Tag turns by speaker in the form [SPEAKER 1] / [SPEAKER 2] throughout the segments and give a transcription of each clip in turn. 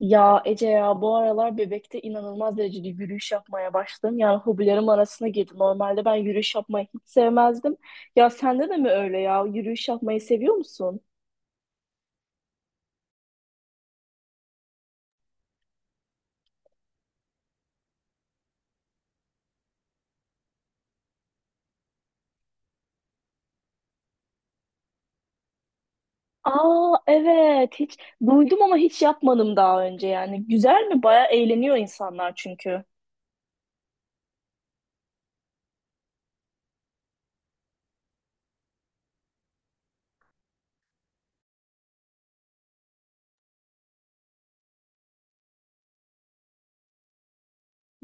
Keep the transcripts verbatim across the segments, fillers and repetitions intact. [SPEAKER 1] Ya Ece ya bu aralar Bebek'te inanılmaz derecede yürüyüş yapmaya başladım. Yani hobilerim arasına girdi. Normalde ben yürüyüş yapmayı hiç sevmezdim. Ya sende de mi öyle ya? Yürüyüş yapmayı seviyor musun? Aa, evet, hiç duydum ama hiç yapmadım daha önce yani. Güzel mi? Baya eğleniyor insanlar çünkü.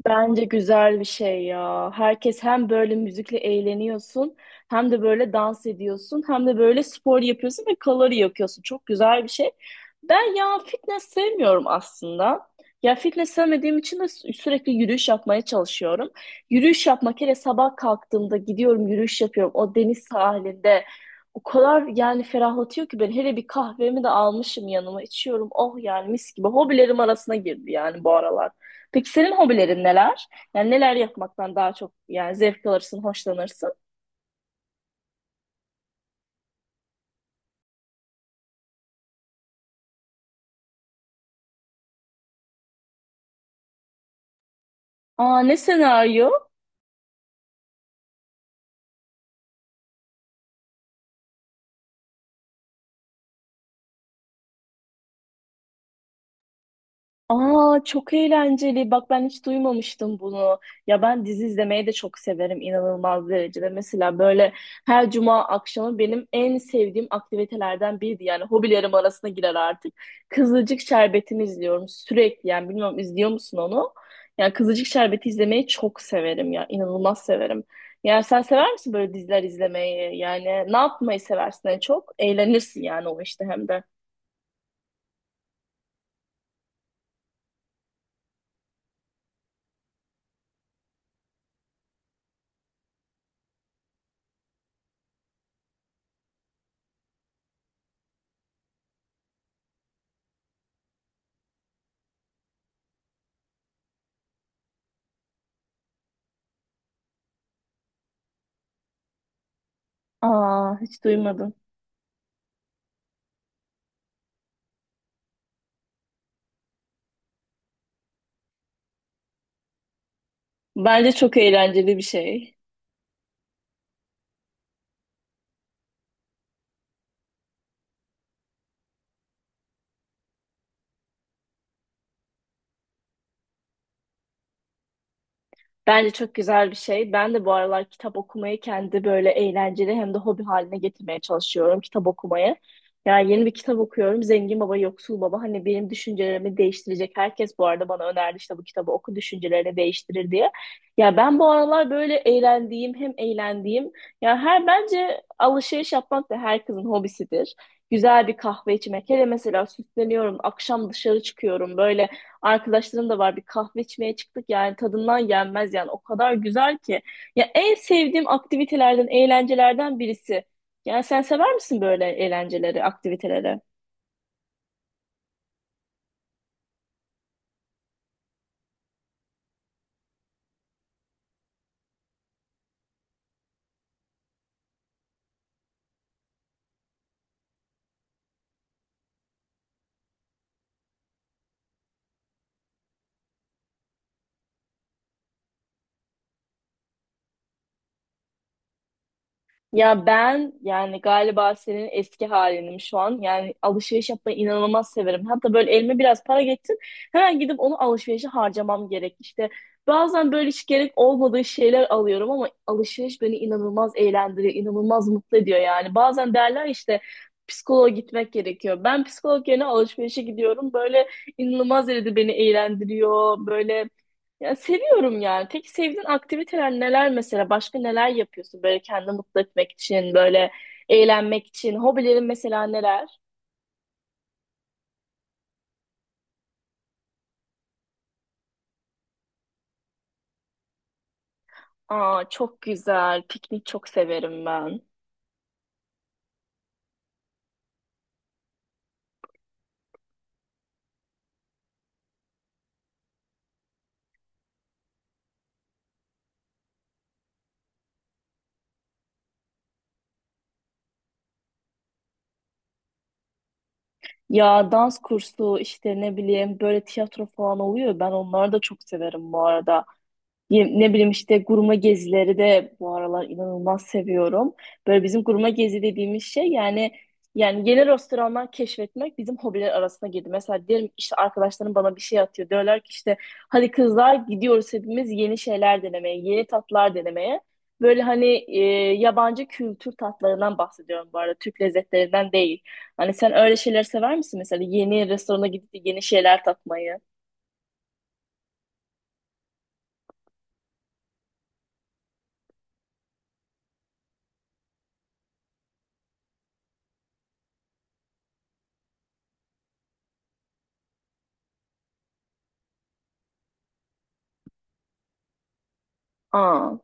[SPEAKER 1] Bence güzel bir şey ya. Herkes hem böyle müzikle eğleniyorsun, hem de böyle dans ediyorsun, hem de böyle spor yapıyorsun ve kalori yakıyorsun. Çok güzel bir şey. Ben ya fitness sevmiyorum aslında. Ya fitness sevmediğim için de sü- sürekli yürüyüş yapmaya çalışıyorum. Yürüyüş yapmak hele sabah kalktığımda gidiyorum yürüyüş yapıyorum o deniz sahilinde. O kadar yani ferahlatıyor ki ben hele bir kahvemi de almışım yanıma içiyorum. Oh yani mis gibi hobilerim arasına girdi yani bu aralar. Peki senin hobilerin neler? Yani neler yapmaktan daha çok yani zevk alırsın, hoşlanırsın? Aa, ne senaryo? Aa, çok eğlenceli. Bak ben hiç duymamıştım bunu. Ya ben dizi izlemeyi de çok severim inanılmaz derecede. Mesela böyle her cuma akşamı benim en sevdiğim aktivitelerden biriydi. Yani hobilerim arasına girer artık. Kızılcık Şerbeti'ni izliyorum sürekli. Yani bilmiyorum izliyor musun onu? Yani Kızılcık Şerbeti izlemeyi çok severim ya. İnanılmaz severim. Yani sen sever misin böyle diziler izlemeyi? Yani ne yapmayı seversin en çok? Eğlenirsin yani o işte hem de. Aa, hiç duymadım. Bence çok eğlenceli bir şey. Bence çok güzel bir şey. Ben de bu aralar kitap okumayı kendi böyle eğlenceli hem de hobi haline getirmeye çalışıyorum kitap okumayı. Yani yeni bir kitap okuyorum. Zengin Baba, Yoksul Baba. Hani benim düşüncelerimi değiştirecek. Herkes bu arada bana önerdi işte bu kitabı oku düşüncelerini değiştirir diye. Ya ben bu aralar böyle eğlendiğim hem eğlendiğim. Ya her bence alışveriş yapmak da herkesin hobisidir. Güzel bir kahve içmek. Hele mesela süsleniyorum. Akşam dışarı çıkıyorum. Böyle arkadaşlarım da var bir kahve içmeye çıktık yani tadından yenmez yani o kadar güzel ki. Ya en sevdiğim aktivitelerden, eğlencelerden birisi. Yani sen sever misin böyle eğlenceleri, aktiviteleri? Ya ben yani galiba senin eski halinim şu an. Yani alışveriş yapmayı inanılmaz severim. Hatta böyle elime biraz para geçsin hemen gidip onu alışverişe harcamam gerek. İşte bazen böyle hiç gerek olmadığı şeyler alıyorum ama alışveriş beni inanılmaz eğlendiriyor, inanılmaz mutlu ediyor yani. Bazen derler işte psikoloğa gitmek gerekiyor. Ben psikolog yerine alışverişe gidiyorum. Böyle inanılmaz derecede beni eğlendiriyor. Böyle ya seviyorum yani. Peki sevdiğin aktiviteler neler mesela? Başka neler yapıyorsun böyle kendini mutlu etmek için, böyle eğlenmek için? Hobilerin mesela neler? Aa, çok güzel. Piknik çok severim ben. Ya dans kursu işte ne bileyim böyle tiyatro falan oluyor. Ben onları da çok severim bu arada. Ye- Ne bileyim işte gurme gezileri de bu aralar inanılmaz seviyorum. Böyle bizim gurme gezi dediğimiz şey yani yani yeni restoranlar keşfetmek bizim hobiler arasına girdi. Mesela diyelim işte arkadaşlarım bana bir şey atıyor. Diyorlar ki işte hadi kızlar gidiyoruz hepimiz yeni şeyler denemeye, yeni tatlar denemeye. Böyle hani e, yabancı kültür tatlarından bahsediyorum bu arada. Türk lezzetlerinden değil. Hani sen öyle şeyler sever misin mesela yeni restorana gidip de yeni şeyler tatmayı? Aa.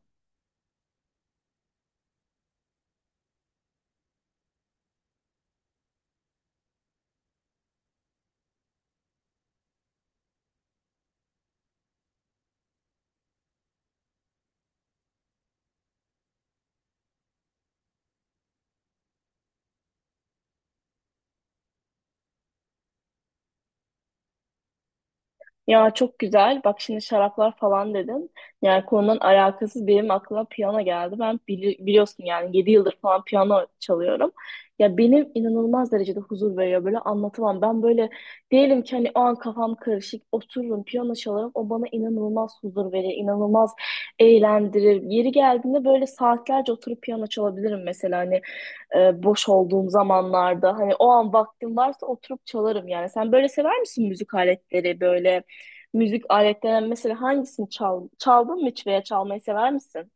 [SPEAKER 1] Ya çok güzel. Bak şimdi şaraplar falan dedin. Yani konudan alakasız benim aklıma piyano geldi. Ben bili- biliyorsun yani yedi yıldır falan piyano çalıyorum. Ya benim inanılmaz derecede huzur veriyor. Böyle anlatamam. Ben böyle diyelim ki hani o an kafam karışık. Otururum piyano çalarım. O bana inanılmaz huzur verir. İnanılmaz eğlendirir. Yeri geldiğinde böyle saatlerce oturup piyano çalabilirim mesela. Hani e, boş olduğum zamanlarda hani o an vaktim varsa oturup çalarım yani. Sen böyle sever misin müzik aletleri böyle müzik aletlerinden mesela hangisini çal çaldın mı hiç veya çalmayı sever misin?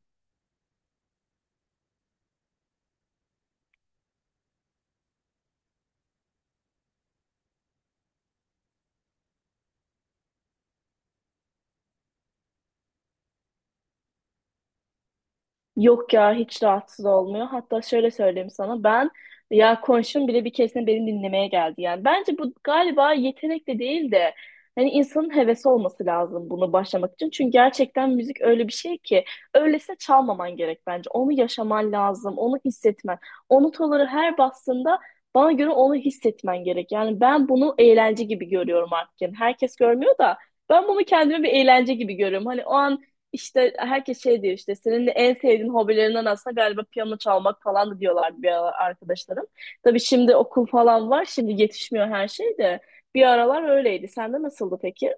[SPEAKER 1] Yok ya hiç rahatsız olmuyor. Hatta şöyle söyleyeyim sana ben ya konuşum bile bir keresinde beni dinlemeye geldi. Yani bence bu galiba yetenek de değil de hani insanın hevesi olması lazım bunu başlamak için. Çünkü gerçekten müzik öyle bir şey ki öylesine çalmaman gerek bence. Onu yaşaman lazım, onu hissetmen. O notaları her bastığında bana göre onu hissetmen gerek. Yani ben bunu eğlence gibi görüyorum artık. Yani herkes görmüyor da ben bunu kendime bir eğlence gibi görüyorum. Hani o an işte herkes şey diyor işte senin de en sevdiğin hobilerinden aslında galiba piyano çalmak falan da diyorlardı bir aralar arkadaşlarım. Tabii şimdi okul falan var şimdi yetişmiyor her şey de bir aralar öyleydi. Sende nasıldı peki?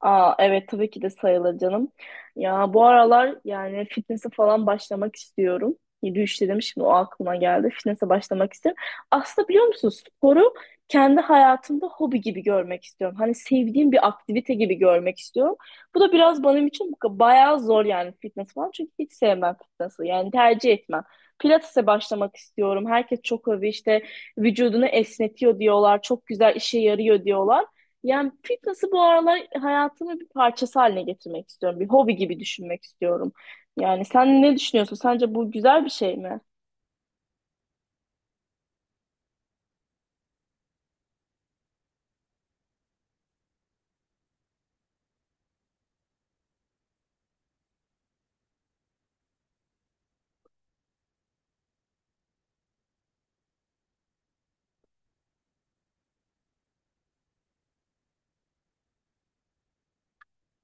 [SPEAKER 1] Aa, evet, tabii ki de sayılır canım. Ya bu aralar yani fitness'e falan başlamak istiyorum. yedi-üç dedim şimdi o aklıma geldi. Fitness'e başlamak istiyorum. Aslında biliyor musun sporu kendi hayatımda hobi gibi görmek istiyorum. Hani sevdiğim bir aktivite gibi görmek istiyorum. Bu da biraz benim için bayağı zor yani fitness falan. Çünkü hiç sevmem fitness'ı yani tercih etmem. Pilates'e başlamak istiyorum. Herkes çok övüyor işte vücudunu esnetiyor diyorlar. Çok güzel işe yarıyor diyorlar. Yani fitness'ı bu aralar hayatımın bir parçası haline getirmek istiyorum. Bir hobi gibi düşünmek istiyorum. Yani sen ne düşünüyorsun? Sence bu güzel bir şey mi?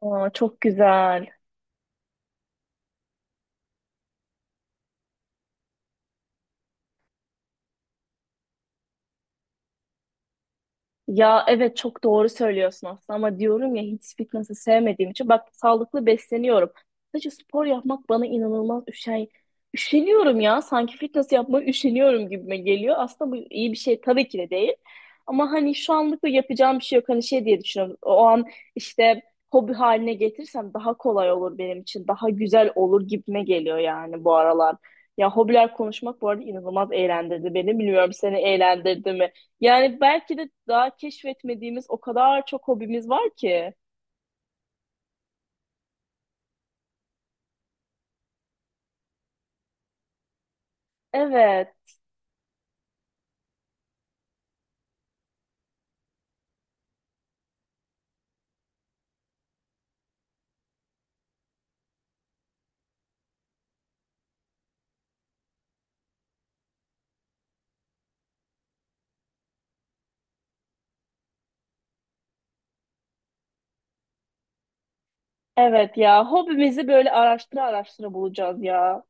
[SPEAKER 1] Aa, çok güzel. Ya evet çok doğru söylüyorsun aslında ama diyorum ya hiç fitnessi sevmediğim için bak sağlıklı besleniyorum. Sadece spor yapmak bana inanılmaz üşen üşeniyorum ya sanki fitness yapmaya üşeniyorum gibime geliyor. Aslında bu iyi bir şey tabii ki de değil. Ama hani şu anlık da yapacağım bir şey yok. Hani şey diye düşünüyorum. O an işte hobi haline getirsem daha kolay olur benim için. Daha güzel olur gibime geliyor yani bu aralar. Ya hobiler konuşmak bu arada inanılmaz eğlendirdi beni. Bilmiyorum seni eğlendirdi mi? Yani belki de daha keşfetmediğimiz o kadar çok hobimiz var ki. Evet, evet ya. Hobimizi böyle araştıra araştıra bulacağız ya.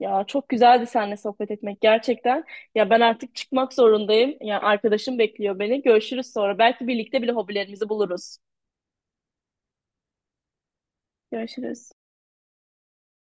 [SPEAKER 1] Ya çok güzeldi seninle sohbet etmek gerçekten. Ya ben artık çıkmak zorundayım. Ya arkadaşım bekliyor beni. Görüşürüz sonra. Belki birlikte bile hobilerimizi buluruz. Görüşürüz.